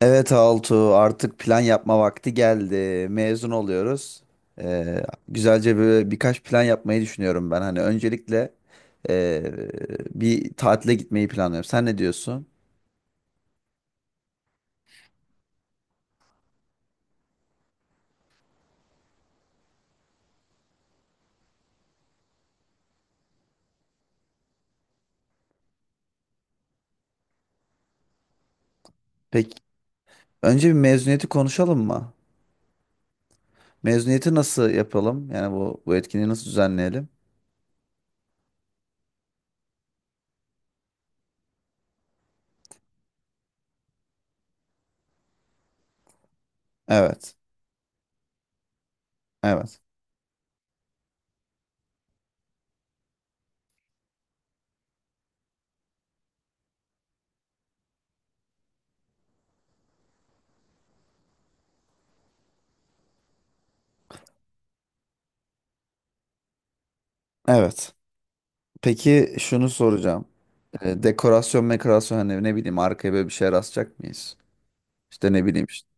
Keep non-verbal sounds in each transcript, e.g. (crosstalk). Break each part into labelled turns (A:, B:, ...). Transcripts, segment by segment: A: Evet Altuğ artık plan yapma vakti geldi. Mezun oluyoruz. Ee, Güzelce böyle birkaç plan yapmayı düşünüyorum ben. Hani öncelikle ee, bir tatile gitmeyi planlıyorum. Sen ne diyorsun? Peki önce bir mezuniyeti konuşalım mı? Mezuniyeti nasıl yapalım? Yani bu etkinliği nasıl düzenleyelim? Evet. Evet. Evet. Peki şunu soracağım. Dekorasyon mekorasyon hani ne bileyim arkaya böyle bir şey rastlayacak mıyız? İşte ne bileyim işte.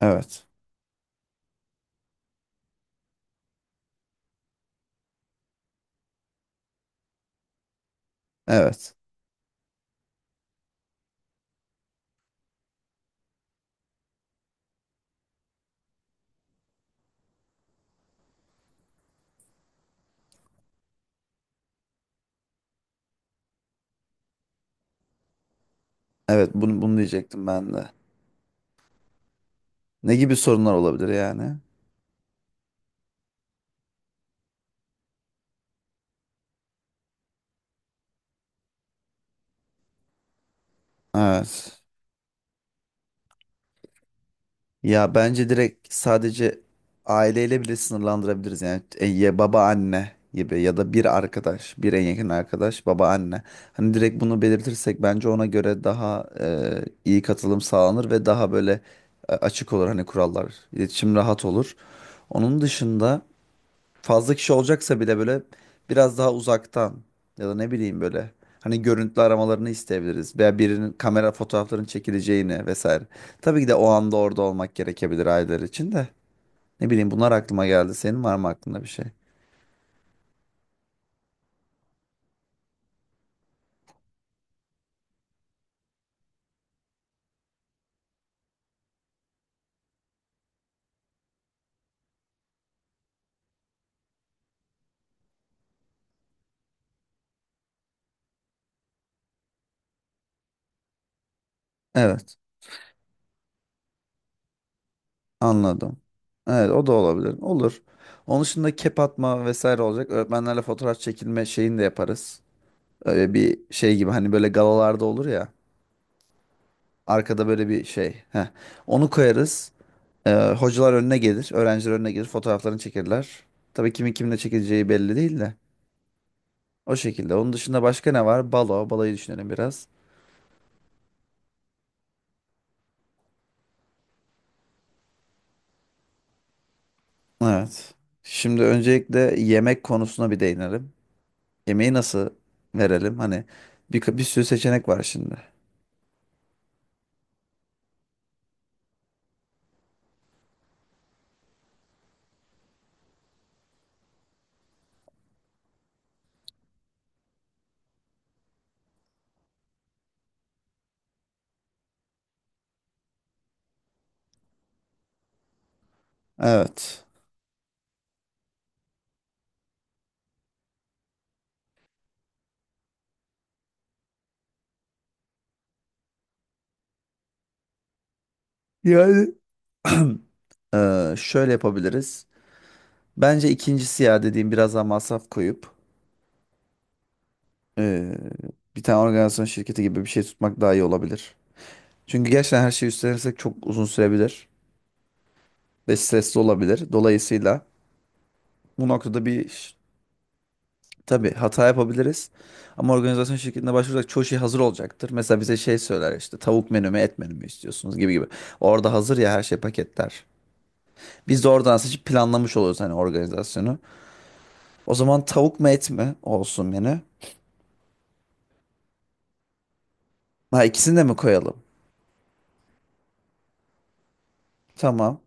A: Evet. Evet. Evet bunu diyecektim ben de. Ne gibi sorunlar olabilir yani? Evet. Ya bence direkt sadece aileyle bile sınırlandırabiliriz yani. E, ya baba anne gibi ya da bir arkadaş, bir en yakın arkadaş baba anne. Hani direkt bunu belirtirsek bence ona göre daha e, iyi katılım sağlanır ve daha böyle e, açık olur hani kurallar. İletişim rahat olur. Onun dışında fazla kişi olacaksa bile böyle biraz daha uzaktan ya da ne bileyim böyle hani görüntülü aramalarını isteyebiliriz veya birinin kamera fotoğraflarının çekileceğini vesaire. Tabii ki de o anda orada olmak gerekebilir aileler için de. Ne bileyim bunlar aklıma geldi. Senin var mı aklında bir şey? Evet, anladım. Evet, o da olabilir. Olur. Onun dışında kep atma vesaire olacak. Öğretmenlerle fotoğraf çekilme şeyini de yaparız. Öyle bir şey gibi hani böyle galalarda olur ya. Arkada böyle bir şey. Heh. Onu koyarız. Ee, Hocalar önüne gelir, öğrenciler önüne gelir, fotoğraflarını çekirler. Tabii kimin kimle çekileceği belli değil de. O şekilde. Onun dışında başka ne var? Balo, balayı düşünelim biraz. Evet. Şimdi öncelikle yemek konusuna bir değinelim. Yemeği nasıl verelim? Hani bir sürü seçenek var şimdi. Evet. Yani şöyle yapabiliriz. Bence ikincisi ya dediğim biraz daha masraf koyup ee, bir tane organizasyon şirketi gibi bir şey tutmak daha iyi olabilir. Çünkü gerçekten her şeyi üstlenirsek çok uzun sürebilir ve stresli olabilir. Dolayısıyla bu noktada tabii hata yapabiliriz. Ama organizasyon şirketine başvuracak çoğu şey hazır olacaktır. Mesela bize şey söyler işte tavuk menü mü et menü mü istiyorsunuz gibi gibi. Orada hazır ya her şey paketler. Biz de oradan seçip planlamış oluyoruz hani organizasyonu. O zaman tavuk mu et mi olsun menü? Ha ikisini de mi koyalım? Tamam.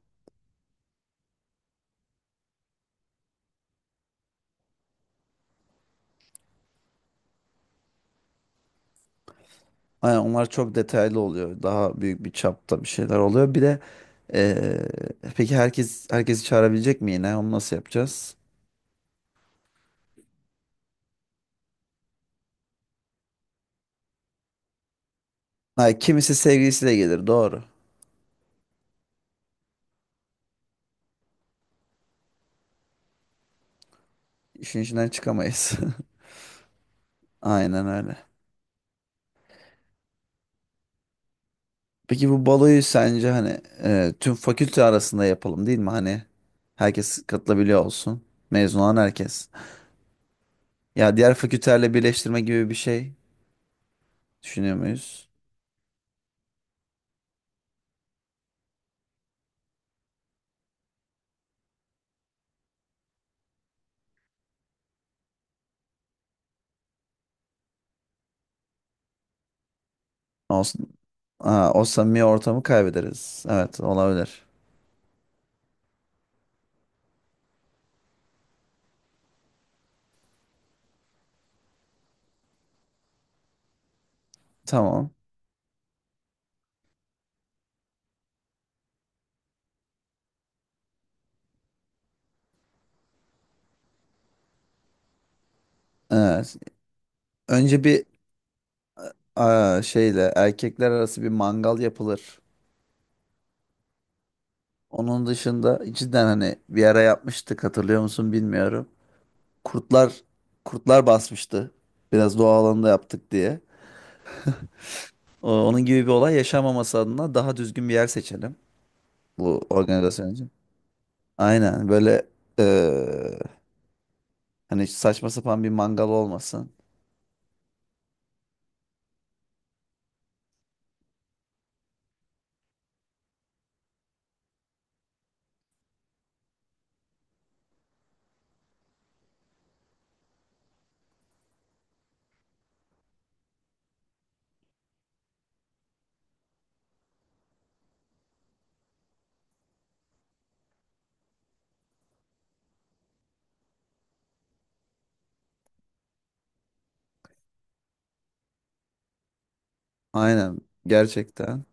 A: Aynen onlar çok detaylı oluyor. Daha büyük bir çapta bir şeyler oluyor. Bir de eee, peki herkes herkesi çağırabilecek mi yine? Onu nasıl yapacağız? Ay, kimisi sevgilisiyle gelir doğru. İşin içinden çıkamayız. (laughs) Aynen öyle. Peki bu baloyu sence hani e, tüm fakülte arasında yapalım değil mi? Hani herkes katılabiliyor olsun. Mezun olan herkes. Ya diğer fakültelerle birleştirme gibi bir şey düşünüyor muyuz? Olsun. Aa, o samimi ortamı kaybederiz. Evet olabilir. Tamam. Evet. Önce bir aa, şeyle erkekler arası bir mangal yapılır. Onun dışında cidden hani bir ara yapmıştık hatırlıyor musun bilmiyorum. kurtlar kurtlar basmıştı. Biraz doğa alanında yaptık diye. Onun gibi bir olay yaşanmaması adına daha düzgün bir yer seçelim bu organizasyon için. Aynen böyle eee, hani saçma sapan bir mangal olmasın. Aynen gerçekten.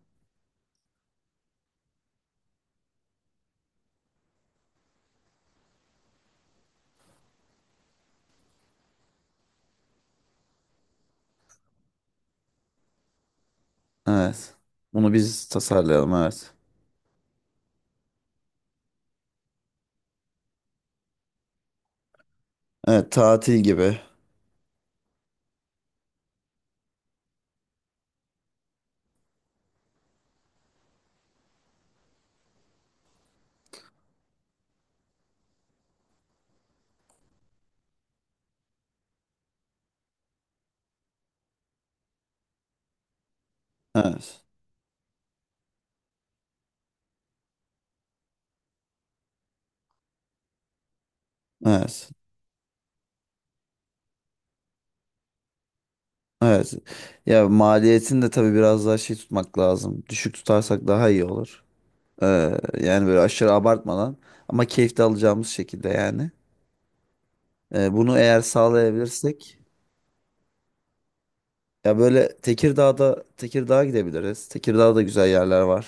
A: Evet. Bunu biz tasarlayalım evet. Evet tatil gibi. Evet. Evet. Evet. Ya maliyetini de tabii biraz daha şey tutmak lazım. Düşük tutarsak daha iyi olur. Ee, Yani böyle aşırı abartmadan ama keyif de alacağımız şekilde yani. Bunu eğer sağlayabilirsek ya böyle Tekirdağ'a gidebiliriz. Tekirdağ'da güzel yerler var.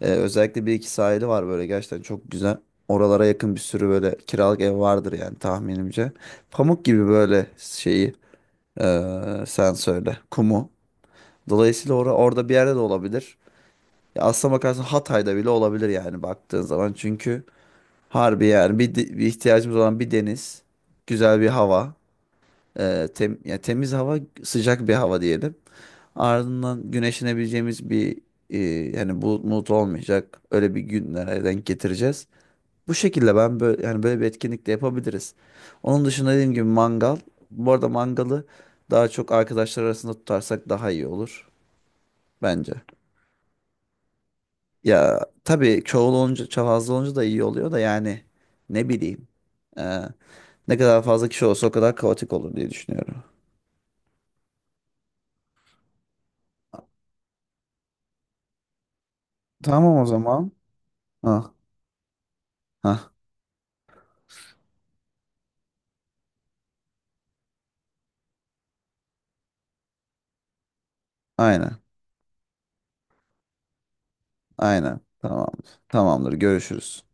A: Özellikle bir iki sahili var böyle gerçekten çok güzel. Oralara yakın bir sürü böyle kiralık ev vardır yani tahminimce. Pamuk gibi böyle şeyi sen söyle kumu. Dolayısıyla orada bir yerde de olabilir. Ya aslına bakarsan Hatay'da bile olabilir yani baktığın zaman. Çünkü harbi yani bir ihtiyacımız olan bir deniz, güzel bir hava, ya temiz hava, sıcak bir hava diyelim. Ardından güneşlenebileceğimiz bir e, yani bulut bulut olmayacak öyle bir günlere denk getireceğiz. Bu şekilde ben böyle yani böyle bir etkinlik de yapabiliriz. Onun dışında dediğim gibi mangal. Bu arada mangalı daha çok arkadaşlar arasında tutarsak daha iyi olur bence. Ya tabii çoğul olunca, fazla olunca da iyi oluyor da yani ne bileyim. e, Ne kadar fazla kişi olsa o kadar kaotik olur diye düşünüyorum. Tamam o zaman. Ha, ha, aynen, aynen. Tamamdır. Tamamdır. Görüşürüz.